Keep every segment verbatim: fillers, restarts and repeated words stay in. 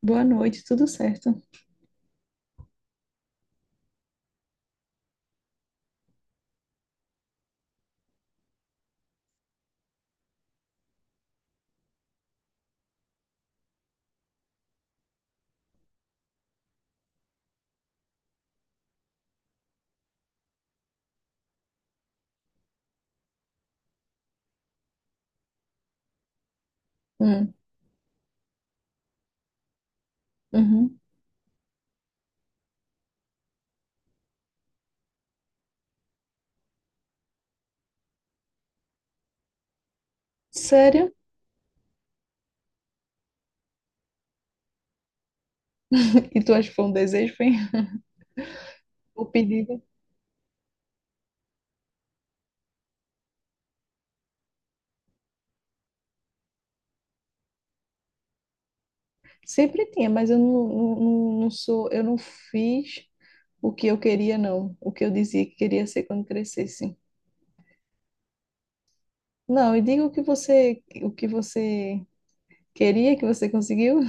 Boa noite, tudo certo? Hum, uhum. Sério? E tu acha que foi um desejo, foi? O pedido? Sempre tinha, mas eu não, não, não não sou, eu não fiz o que eu queria, não. O que eu dizia que queria ser quando crescesse. Não, e diga o que você, o que você queria, que você conseguiu.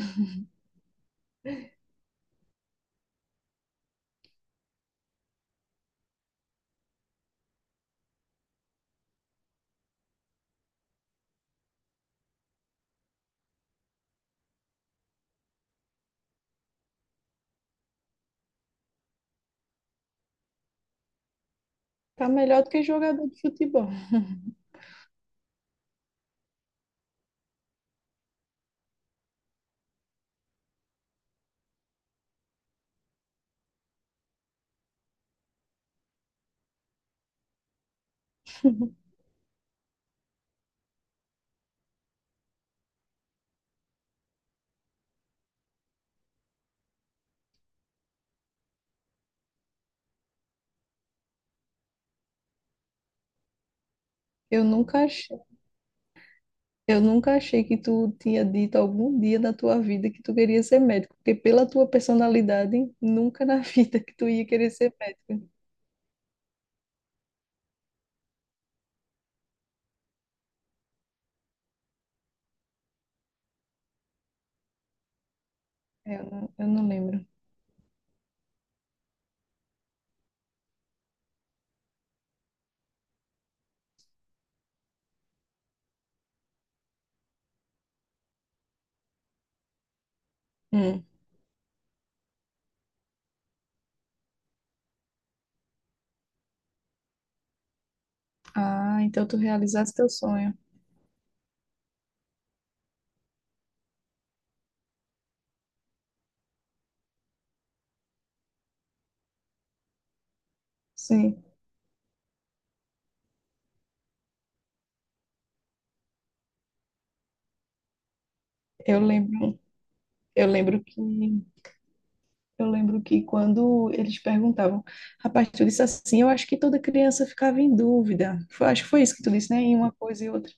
Tá melhor do que jogador de futebol. Eu nunca achei. Eu nunca achei que tu tinha dito algum dia da tua vida que tu queria ser médico, porque pela tua personalidade, nunca na vida que tu ia querer ser médico. Eu não, eu não lembro. Hum. Ah, então tu realizaste teu sonho. Sim, eu lembro. Eu lembro que eu lembro que quando eles perguntavam, rapaz, tu disse assim, eu acho que toda criança ficava em dúvida. Foi- acho que foi isso que tu disse, né? Em uma coisa e outra.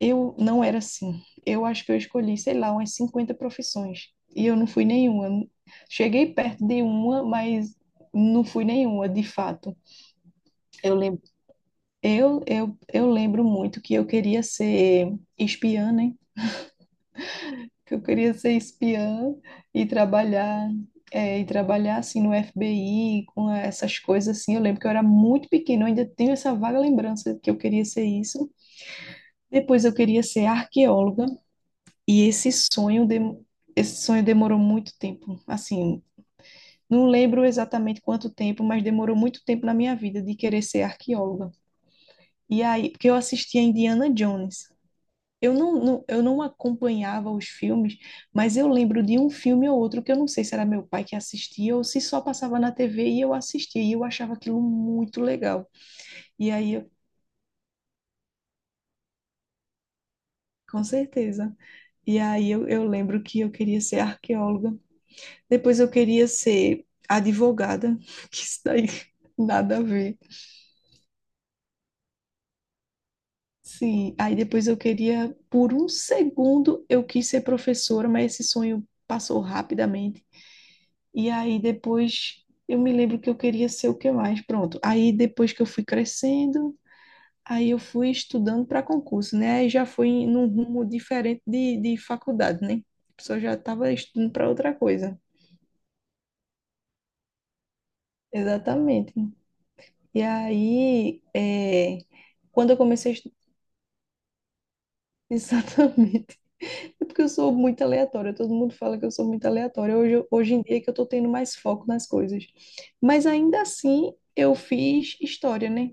Eu não era assim. Eu acho que eu escolhi, sei lá, umas cinquenta profissões. E eu não fui nenhuma. Cheguei perto de uma, mas não fui nenhuma, de fato. Eu lembro, eu, eu, eu lembro muito que eu queria ser espiã, né? Que eu queria ser espiã e trabalhar, é, e trabalhar assim no F B I, com essas coisas assim. Eu lembro que eu era muito pequena, eu ainda tenho essa vaga lembrança que eu queria ser isso. Depois eu queria ser arqueóloga. E esse sonho, dem- esse sonho demorou muito tempo. Assim, não lembro exatamente quanto tempo, mas demorou muito tempo na minha vida de querer ser arqueóloga. E aí, porque eu assistia Indiana Jones. Eu não, não- eu não acompanhava os filmes, mas eu lembro de um filme ou outro que eu não sei se era meu pai que assistia ou se só passava na T V e eu assistia e eu achava aquilo muito legal. E aí, eu- com certeza. E aí eu, eu lembro que eu queria ser arqueóloga. Depois eu queria ser advogada, que isso daí nada a ver. Sim, aí depois eu queria, por um segundo, eu quis ser professora, mas esse sonho passou rapidamente. E aí depois eu me lembro que eu queria ser o que mais, pronto. Aí depois que eu fui crescendo, aí eu fui estudando para concurso, né? Aí já foi em- num rumo diferente de, de faculdade, né? A pessoa já estava estudando para outra coisa. Exatamente. E aí, é, quando eu comecei a exatamente. É porque eu sou muito aleatória, todo mundo fala que eu sou muito aleatória. Hoje, eu- hoje em dia é que eu tô tendo mais foco nas coisas. Mas ainda assim, eu fiz história, né?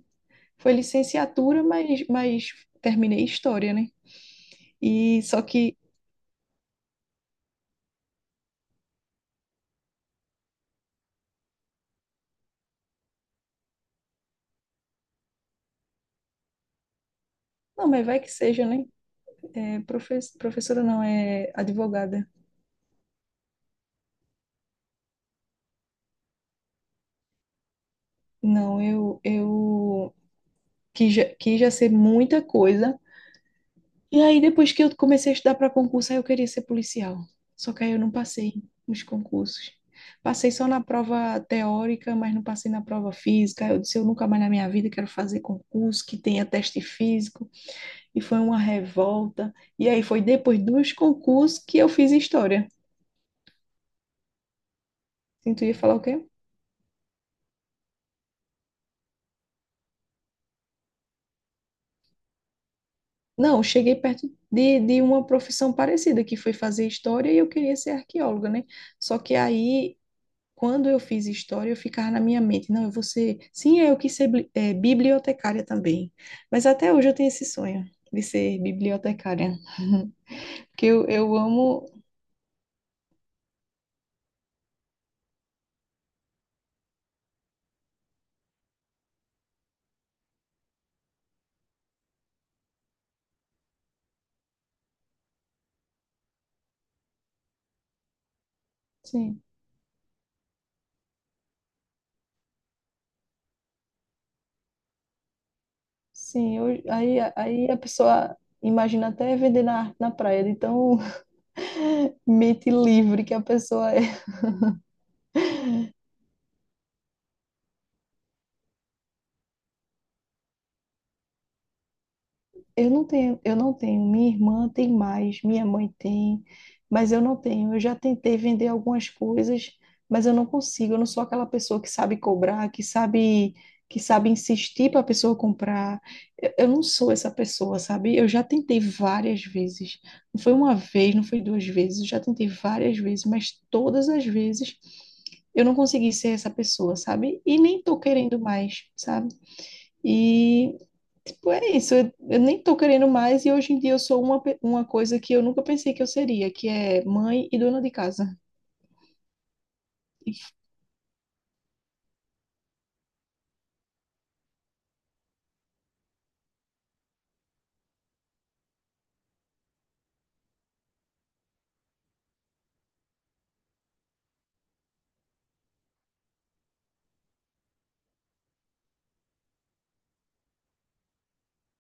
Foi licenciatura, mas, mas terminei história, né? E só que, não, mas vai que seja, né? É, profe- professora não, é advogada. Não, eu, eu quis, já- quis já ser muita coisa. E aí, depois que eu comecei a estudar para concurso, aí eu queria ser policial. Só que aí eu não passei nos concursos. Passei só na prova teórica, mas não passei na prova física. Eu disse, eu nunca mais na minha vida quero fazer concurso que tenha teste físico. E foi uma revolta. E aí foi depois dos concursos que eu fiz história. Sim, tu ia falar o quê? Não, eu cheguei perto de, de uma profissão parecida, que foi fazer história e eu queria ser arqueóloga, né? Só que aí quando eu fiz história, eu ficava na minha mente, não, eu vou ser, sim, é eu quis ser bli- eh, bibliotecária também, mas até hoje eu tenho esse sonho de ser bibliotecária, porque eu, eu amo, sim, sim, eu- aí, aí a pessoa imagina até vender na, na praia, de tão mente livre que a pessoa é. Eu não tenho, eu não tenho. Minha irmã tem mais, minha mãe tem, mas eu não tenho. Eu já tentei vender algumas coisas, mas eu não consigo. Eu não sou aquela pessoa que sabe cobrar, que sabe, que sabe insistir para a pessoa comprar. Eu, eu não sou essa pessoa, sabe? Eu já tentei várias vezes. Não foi uma vez, não foi duas vezes. Eu já tentei várias vezes, mas todas as vezes eu não consegui ser essa pessoa, sabe? E nem tô querendo mais, sabe? E tipo, é isso, eu, eu nem tô querendo mais e hoje em dia eu sou uma, pe- uma coisa que eu nunca pensei que eu seria, que é mãe e dona de casa.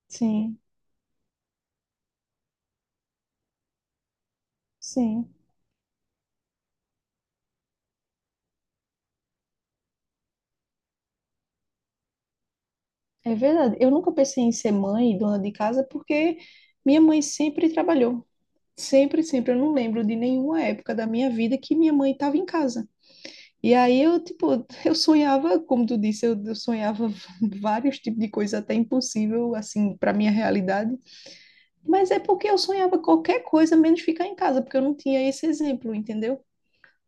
Sim, sim, é verdade. Eu nunca pensei em ser mãe e dona de casa porque minha mãe sempre trabalhou. Sempre, sempre. Eu não lembro de nenhuma época da minha vida que minha mãe estava em casa. E aí eu, tipo, eu sonhava, como tu disse, eu, eu sonhava vários tipos de coisa até impossível, assim, para minha realidade. Mas é porque eu sonhava qualquer coisa menos ficar em casa, porque eu não tinha esse exemplo, entendeu?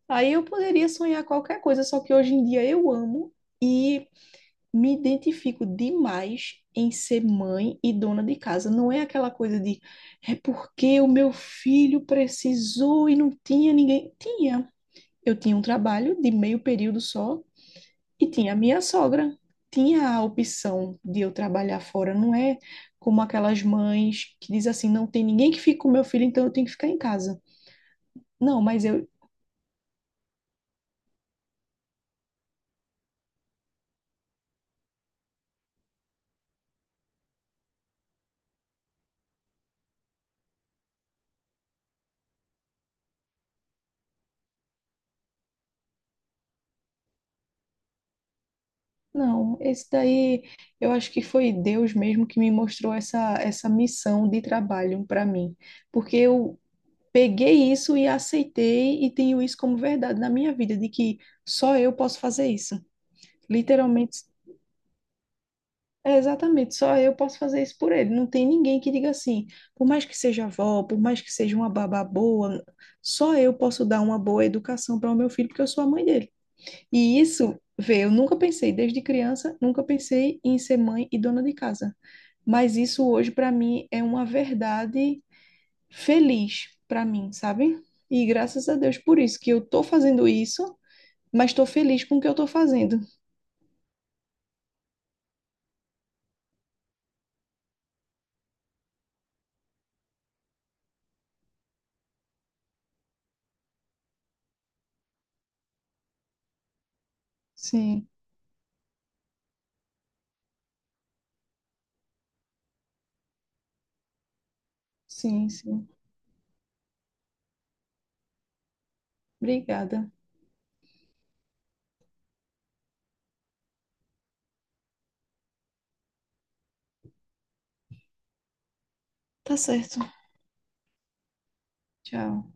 Aí eu poderia sonhar qualquer coisa, só que hoje em dia eu amo e me identifico demais em ser mãe e dona de casa. Não é aquela coisa de é porque o meu filho precisou e não tinha ninguém. Tinha. Eu tinha um trabalho de meio período só, e tinha a minha sogra, tinha a opção de eu trabalhar fora, não é como aquelas mães que dizem assim, não tem ninguém que fique com meu filho, então eu tenho que ficar em casa. Não, mas eu, não, esse daí, eu acho que foi Deus mesmo que me mostrou essa, essa missão de trabalho para mim, porque eu peguei isso e aceitei e tenho isso como verdade na minha vida, de que só eu posso fazer isso. Literalmente é, exatamente, só eu posso fazer isso por ele. Não tem ninguém que diga assim, por mais que seja avó, por mais que seja uma babá boa, só eu posso dar uma boa educação para o meu filho, porque eu sou a mãe dele. E isso, vê, eu nunca pensei, desde criança, nunca pensei em ser mãe e dona de casa. Mas isso hoje, para mim, é uma verdade feliz para mim, sabe? E graças a Deus por isso, que eu tô fazendo isso, mas estou feliz com o que eu tô fazendo. Sim, sim, sim. Obrigada. Tá certo. Tchau.